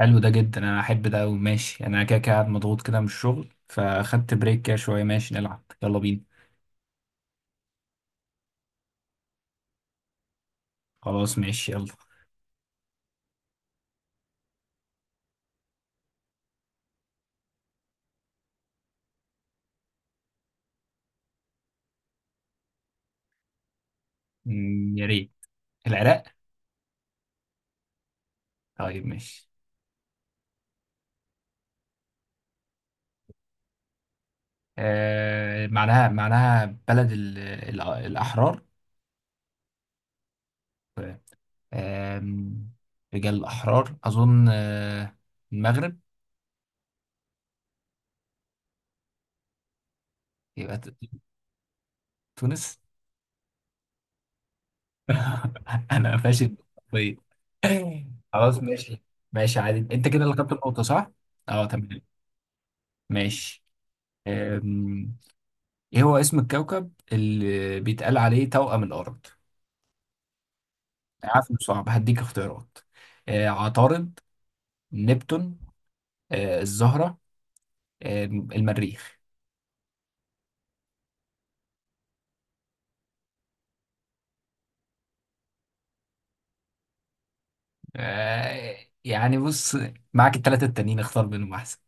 حلو ده جدا، انا احب ده أوي. ماشي، انا كده كده قاعد مضغوط كده من الشغل فاخدت بريك كده شويه. ماشي، نلعب يلا بينا. خلاص ماشي يلا. يا ريت. العراق. طيب ماشي. معناها بلد ال الاحرار. آم، رجال الاحرار اظن المغرب. يبقى تونس. انا فاشل. طيب، خلاص ماشي. ماشي عادي، انت كده اللي خدت النقطه، صح؟ اه، تمام. ماشي. أم، ايه هو اسم الكوكب اللي بيتقال عليه توأم الأرض؟ عارف انه صعب، هديك اختيارات. عطارد. نبتون. الزهرة. المريخ. آه يعني بص، معاك التلاتة التانيين اختار منهم أحسن.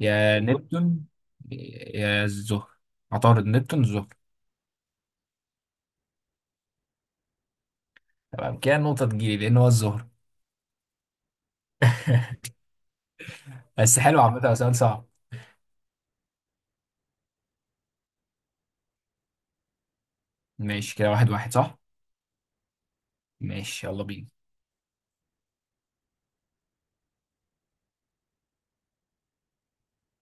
يا نبتون، يا الزهرة. عطارد، نبتون، الزهرة. تمام، كده النقطة تجيلي لأن هو الزهرة. بس حلو عامة، هو سؤال صعب. ماشي، كده واحد واحد، صح؟ ماشي، يلا بينا.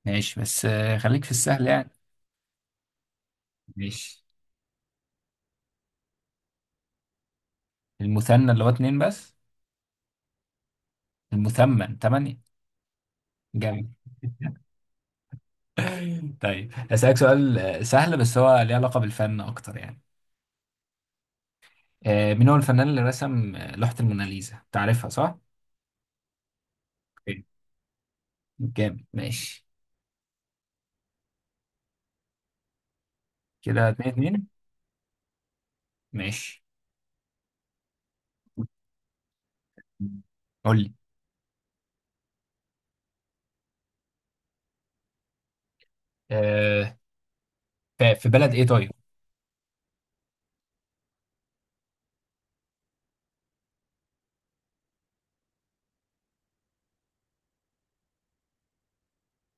ماشي، بس خليك في السهل يعني. ماشي. المثنى اللي هو اتنين بس. المثمن تمانية. جميل. طيب، هسألك سؤال سهل، بس هو ليه علاقة بالفن أكتر يعني. مين هو الفنان اللي رسم لوحة الموناليزا؟ تعرفها، صح؟ أوكي. جامد، ماشي. كده اتنين اتنين. ماشي. قول لي. آه، في بلد إيه طيب؟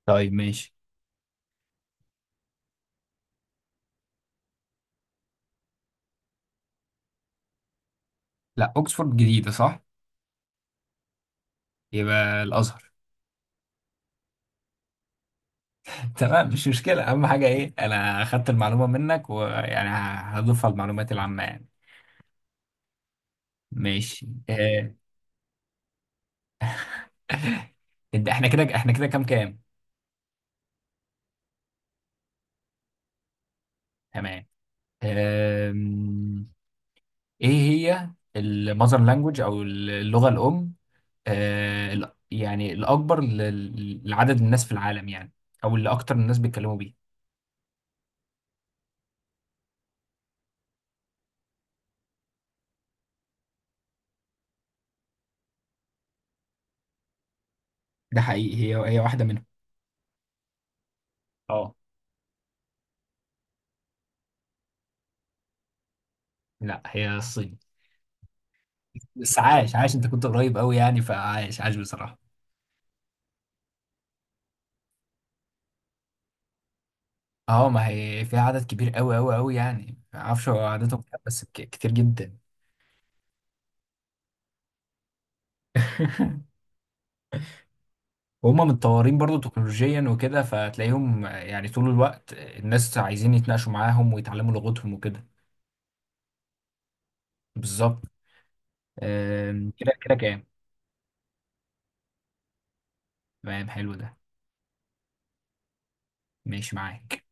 طيب ماشي. لا، أوكسفورد جديدة، صح؟ يبقى الأزهر. تمام، مش مشكلة، أهم حاجة إيه أنا أخدت المعلومة منك ويعني هضيفها المعلومات العامة يعني. ماشي إحنا كده كام كام؟ تمام. آم، ايه هي المذر لانجوج او اللغة الام، يعني الاكبر لعدد الناس في العالم يعني، او اللي اكتر الناس بيتكلموا بيه. ده حقيقي، هي واحدة منهم. اه. لا، هي الصين. بس عاش عاش، انت كنت قريب قوي يعني، فعاش عاش بصراحة. اه، ما هي فيها عدد كبير قوي قوي قوي يعني، ما اعرفش هو عددهم كام، بس كتير جدا. وهم متطورين برضو تكنولوجيا وكده، فتلاقيهم يعني طول الوقت الناس عايزين يتناقشوا معاهم ويتعلموا لغتهم وكده. بالظبط. كده كده كام. تمام، حلو ده. ماشي معاك.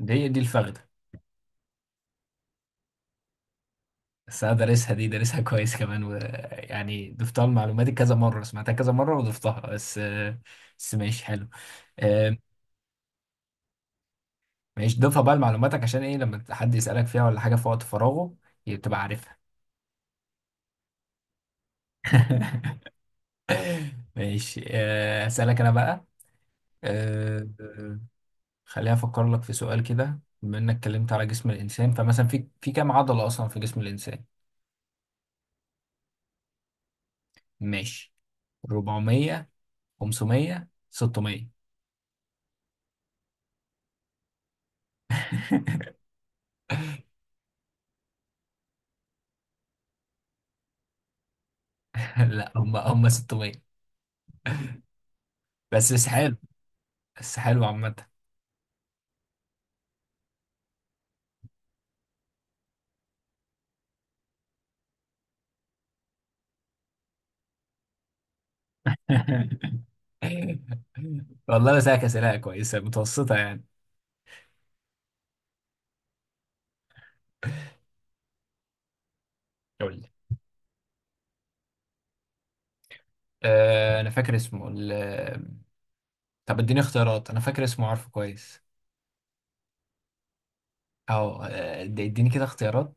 دي الفخدة. بس انا دارسها دي دارسها كويس كمان، ويعني ضفتها لمعلوماتي كذا مرة، سمعتها كذا مرة وضفتها بس ماشي حلو. آم، ماشي، ضيفها بقى لمعلوماتك عشان ايه لما حد يسألك فيها ولا حاجة في وقت فراغه تبقى عارفها. ماشي، اسألك انا بقى. آه، خليني افكر لك في سؤال كده، بما انك اتكلمت على جسم الانسان، فمثلا في كام عضله اصلا في جسم الانسان؟ ماشي، 400، 500، 600. لا، هم 600. بس حلو، بس حلو عامه. والله انا ساك اسئله كويسه متوسطه يعني. قول لي. انا فاكر اسمه طب اديني اختيارات، انا فاكر اسمه، عارفه كويس. او اديني كده اختيارات.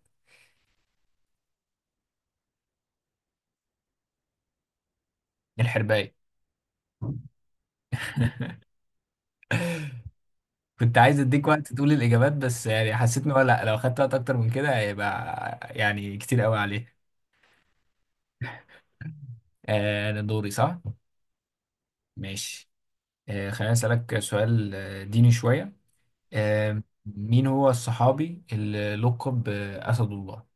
الحرباية. كنت عايز اديك وقت تقول الاجابات، بس يعني حسيت ان هو لا، لو خدت وقت اكتر من كده هيبقى يعني كتير قوي عليه. انا دوري، صح؟ ماشي. خليني اسالك سؤال ديني شويه. مين هو الصحابي اللي لقب باسد الله؟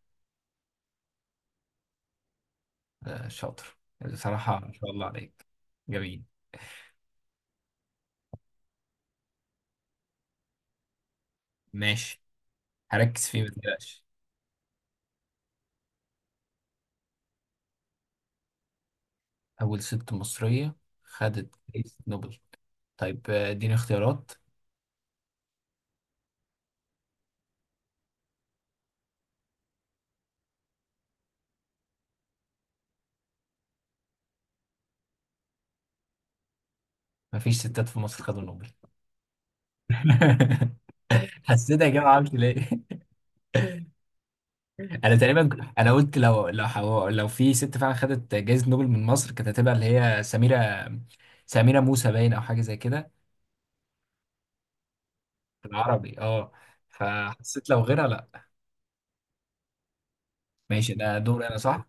شاطر، بصراحه ما شاء الله عليك. جميل. ماشي، هركز فيه، ما تقلقش. اول ست مصريه خدت جايزه نوبل. طيب، اديني اختيارات. مفيش ستات في مصر خدوا نوبل. حسيتها كده، معرفش ليه. انا تقريبا انا قلت لو لو في ست فعلا خدت جائزه نوبل من مصر، كانت هتبقى اللي هي سميره. سميره موسى، باين، او حاجه زي كده. بالعربي اه. فحسيت لو غيرها لا. ماشي، ده دور انا، صح؟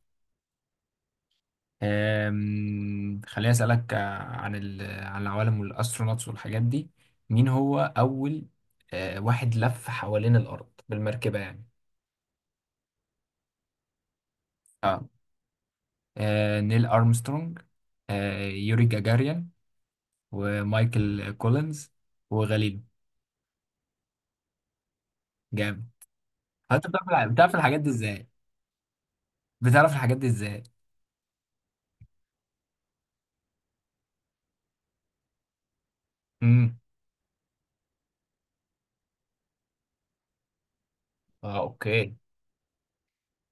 خليني اسالك عن عن العوالم والاسترونوتس والحاجات دي. مين هو اول واحد لف حوالين الارض بالمركبه يعني؟ اه، نيل ارمسترونج، يوري جاجاريان، ومايكل كولينز، وغاليلو. جامد. انت بتعرف بتعرف الحاجات دي ازاي؟ بتعرف الحاجات دي ازاي؟ امم. اه، اوكي.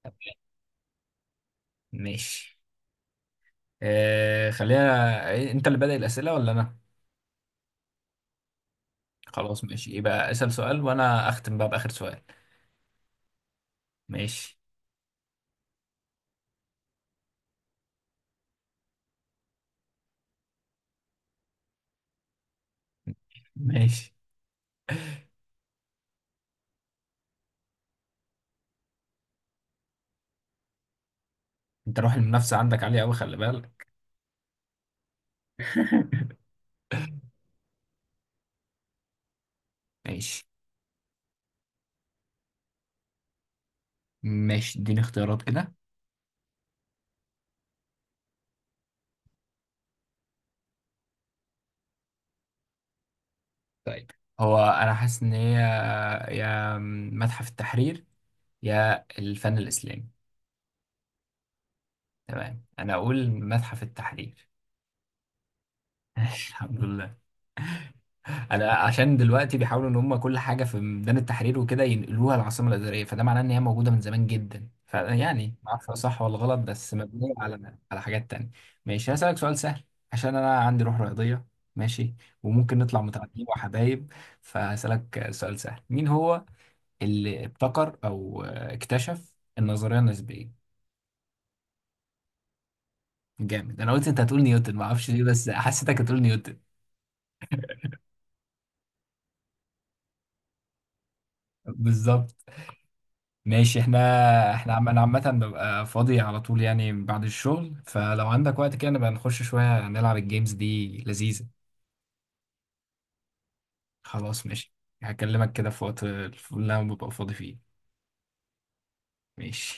تمام. ماشي، خلينا إيه، انت اللي بادئ الاسئله ولا انا؟ خلاص ماشي، يبقى اسال سؤال وانا اختم بقى باخر سؤال. ماشي. ماشي، انت روح المنافسه عندك عاليه قوي، خلي بالك. ماشي. ماشي، اديني اختيارات كده. طيب، هو انا حاسس ان هي يا متحف التحرير، يا الفن الاسلامي. تمام، انا اقول متحف التحرير. الحمد لله. انا عشان دلوقتي بيحاولوا ان هم كل حاجه في ميدان التحرير وكده ينقلوها العاصمه الاداريه، فده معناه ان هي موجوده من زمان جدا، فيعني ما اعرف صح ولا غلط، بس مبنيه على حاجات تانية. ماشي، هسألك سؤال سهل، عشان انا عندي روح رياضيه، ماشي، وممكن نطلع متعادلين وحبايب. فهسألك سؤال سهل، مين هو اللي ابتكر او اكتشف النظريه النسبيه؟ جامد، انا قلت انت هتقول نيوتن، ما اعرفش ليه، بس حسيتك هتقول نيوتن. بالظبط. ماشي، احنا انا عامة ببقى فاضي على طول يعني بعد الشغل، فلو عندك وقت كده نبقى نخش شوية نلعب الجيمز دي لذيذة. خلاص ماشي. هكلمك كده في وقت اللي انا ببقى فاضي فيه. ماشي.